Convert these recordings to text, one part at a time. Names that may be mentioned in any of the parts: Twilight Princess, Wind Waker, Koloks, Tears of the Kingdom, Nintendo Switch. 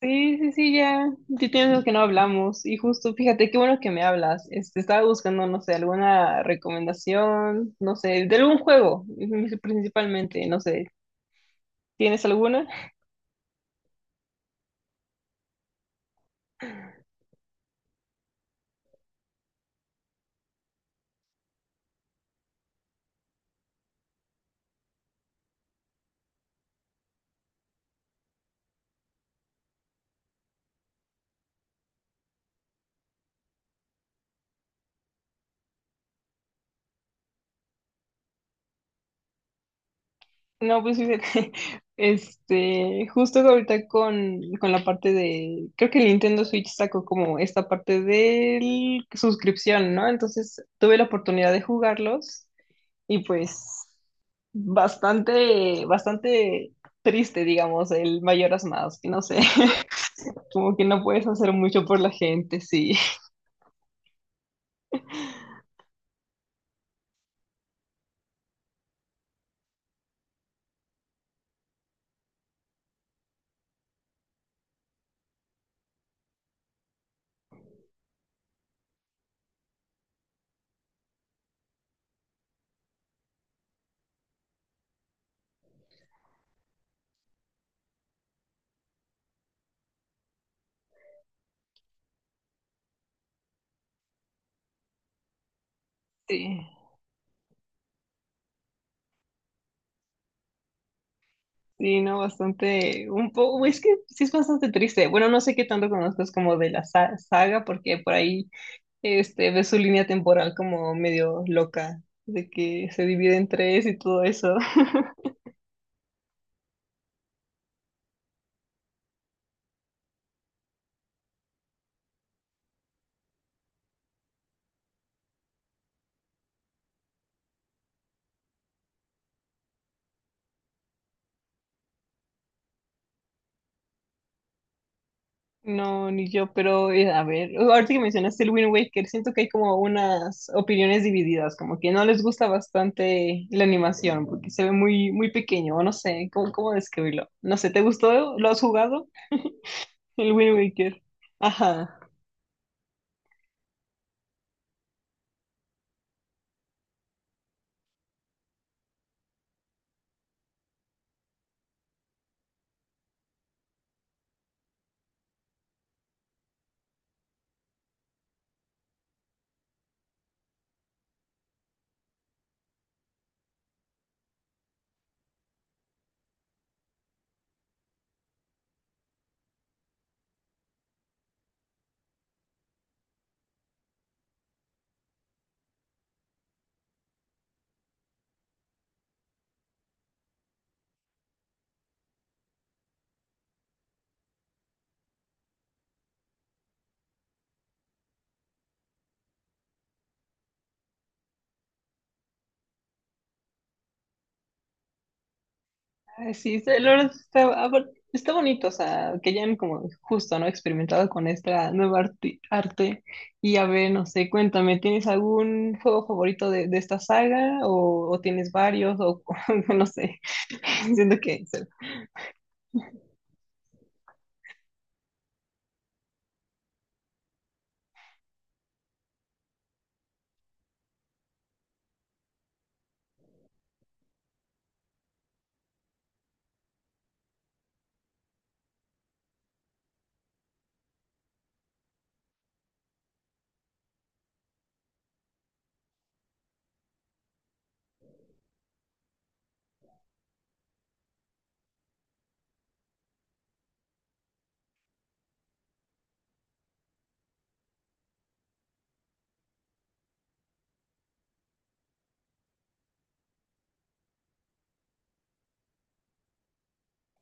Sí, sí, sí, ya. Ya tienes que no hablamos. Y justo, fíjate, qué bueno que me hablas. Este, estaba buscando, no sé, alguna recomendación, no sé, de algún juego, principalmente, no sé. ¿Tienes alguna? No, pues fíjate, este, justo ahorita con la parte de, creo que el Nintendo Switch sacó como esta parte de suscripción, ¿no? Entonces tuve la oportunidad de jugarlos. Y pues bastante, bastante triste, digamos, el mayoras más, no sé, como que no puedes hacer mucho por la gente, sí, sí, sí, no, bastante, un poco, es que sí es bastante triste, bueno, no sé qué tanto conozcas como de la saga, porque por ahí, este, ves su línea temporal como medio loca, de que se divide en tres y todo eso. No, ni yo, pero a ver, ahorita que mencionaste el Wind Waker, siento que hay como unas opiniones divididas, como que no les gusta bastante la animación, porque se ve muy, muy pequeño, o no sé, ¿cómo describirlo? No sé, ¿te gustó? ¿Lo has jugado? El Wind Waker. Ajá. Ay, sí, la verdad está, ah, bueno, está bonito, o sea, que ya hayan como justo, ¿no? Experimentado con esta nueva arte. Y a ver, no sé, cuéntame, ¿tienes algún juego favorito de esta saga? ¿O tienes varios? O no sé, siento que o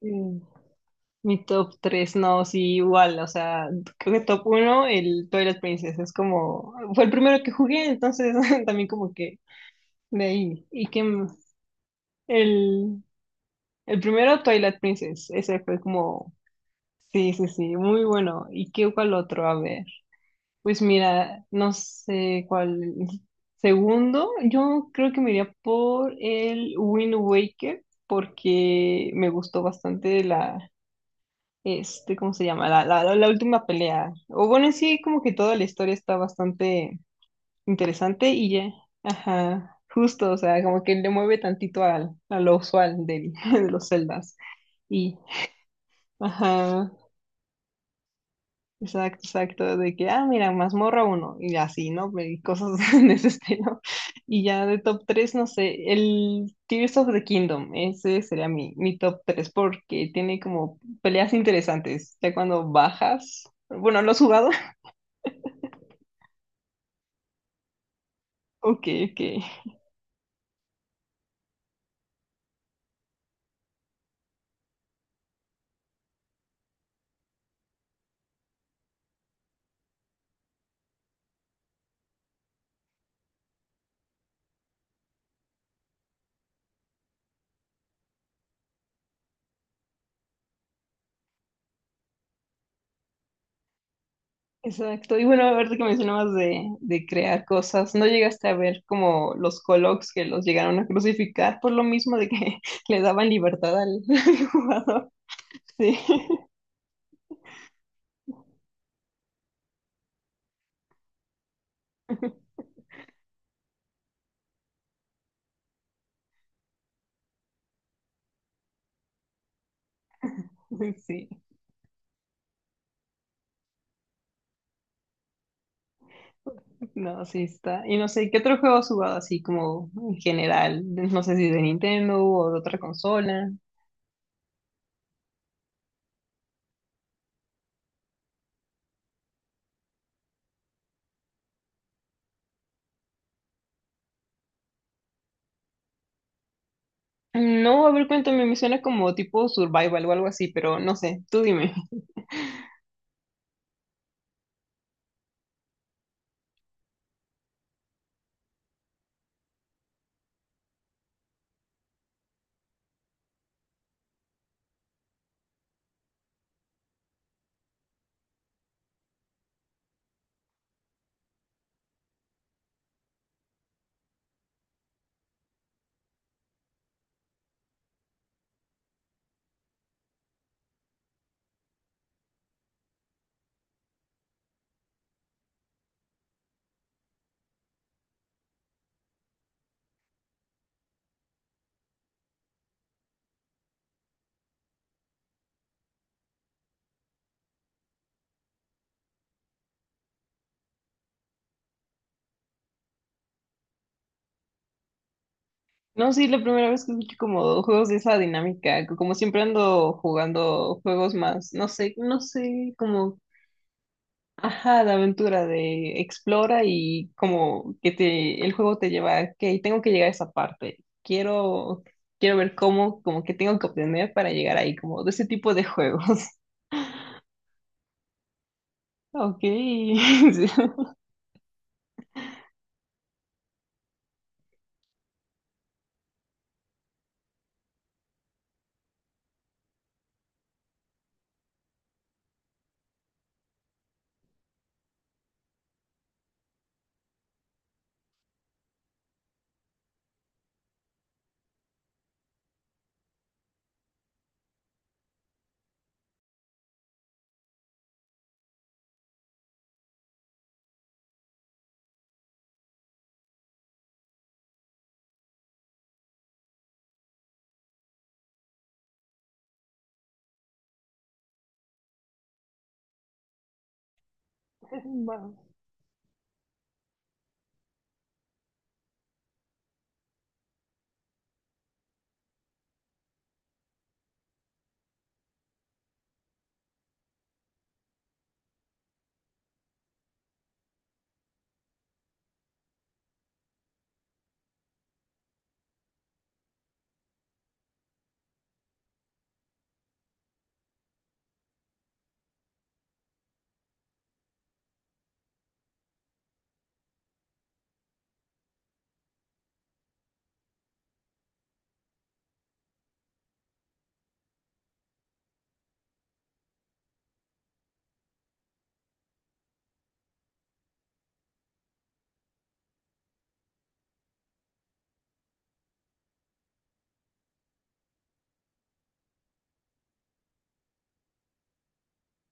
mm, mi top 3 no, sí, igual, o sea, creo que top uno el Twilight Princess, es como, fue el primero que jugué, entonces también como que de ahí. ¿Y qué más? El... El primero, Twilight Princess, ese fue como. Sí, sí, sí, muy bueno. ¿Y qué cuál otro? A ver. Pues mira, no sé cuál. Segundo, yo creo que me iría por el Wind Waker porque me gustó bastante la, este, ¿cómo se llama? La última pelea. O bueno, en sí, como que toda la historia está bastante interesante y ya, ajá, justo, o sea, como que le mueve tantito al, a lo usual de los celdas. Y, ajá. Exacto, exacto, de que, ah, mira, mazmorra uno, y así, ¿no? Y cosas de ese estilo. Y ya de top 3 no sé, el Tears of the Kingdom, ese sería mi top 3 porque tiene como peleas interesantes, ya cuando bajas, bueno, ¿lo has jugado? Ok, ok, exacto. Y bueno, ahorita que mencionabas de crear cosas, ¿no llegaste a ver como los Koloks que los llegaron a crucificar por lo mismo de que le daban libertad al al jugador? Sí, sí. No, sí está. Y no sé, ¿qué otro juego has jugado así como en general? No sé si de Nintendo o de otra consola. No, a ver, cuéntame, me suena como tipo survival o algo así, pero no sé, tú dime. No, sí, la primera vez que escucho como juegos de esa dinámica, que como siempre ando jugando juegos más, no sé, no sé, como. Ajá, de aventura, de explora y como que te, el juego te lleva a, que tengo que llegar a esa parte. Quiero ver cómo, como que tengo que obtener para llegar ahí, como de ese tipo de juegos. Ok. Sí. Va.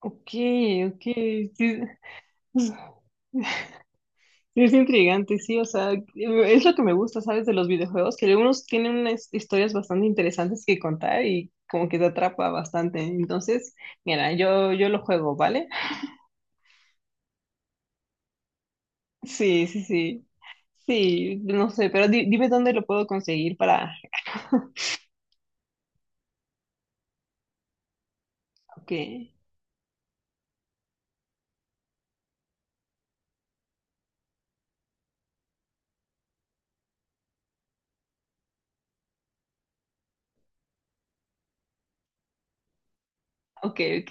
Ok, ok. Sí, sí, es intrigante, sí, o sea, es lo que me gusta, ¿sabes? De los videojuegos, que algunos tienen unas historias bastante interesantes que contar y como que te atrapa bastante. Entonces, mira, yo lo juego, ¿vale? Sí, sí, sí. Sí, no sé, pero dime dónde lo puedo conseguir para... Ok, ok, ok.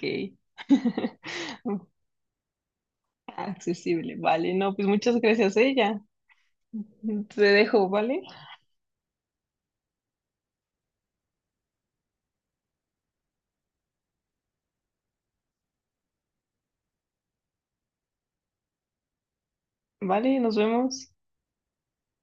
Accesible, vale. No, pues muchas gracias, ella. Te dejo, ¿vale? Vale, nos vemos.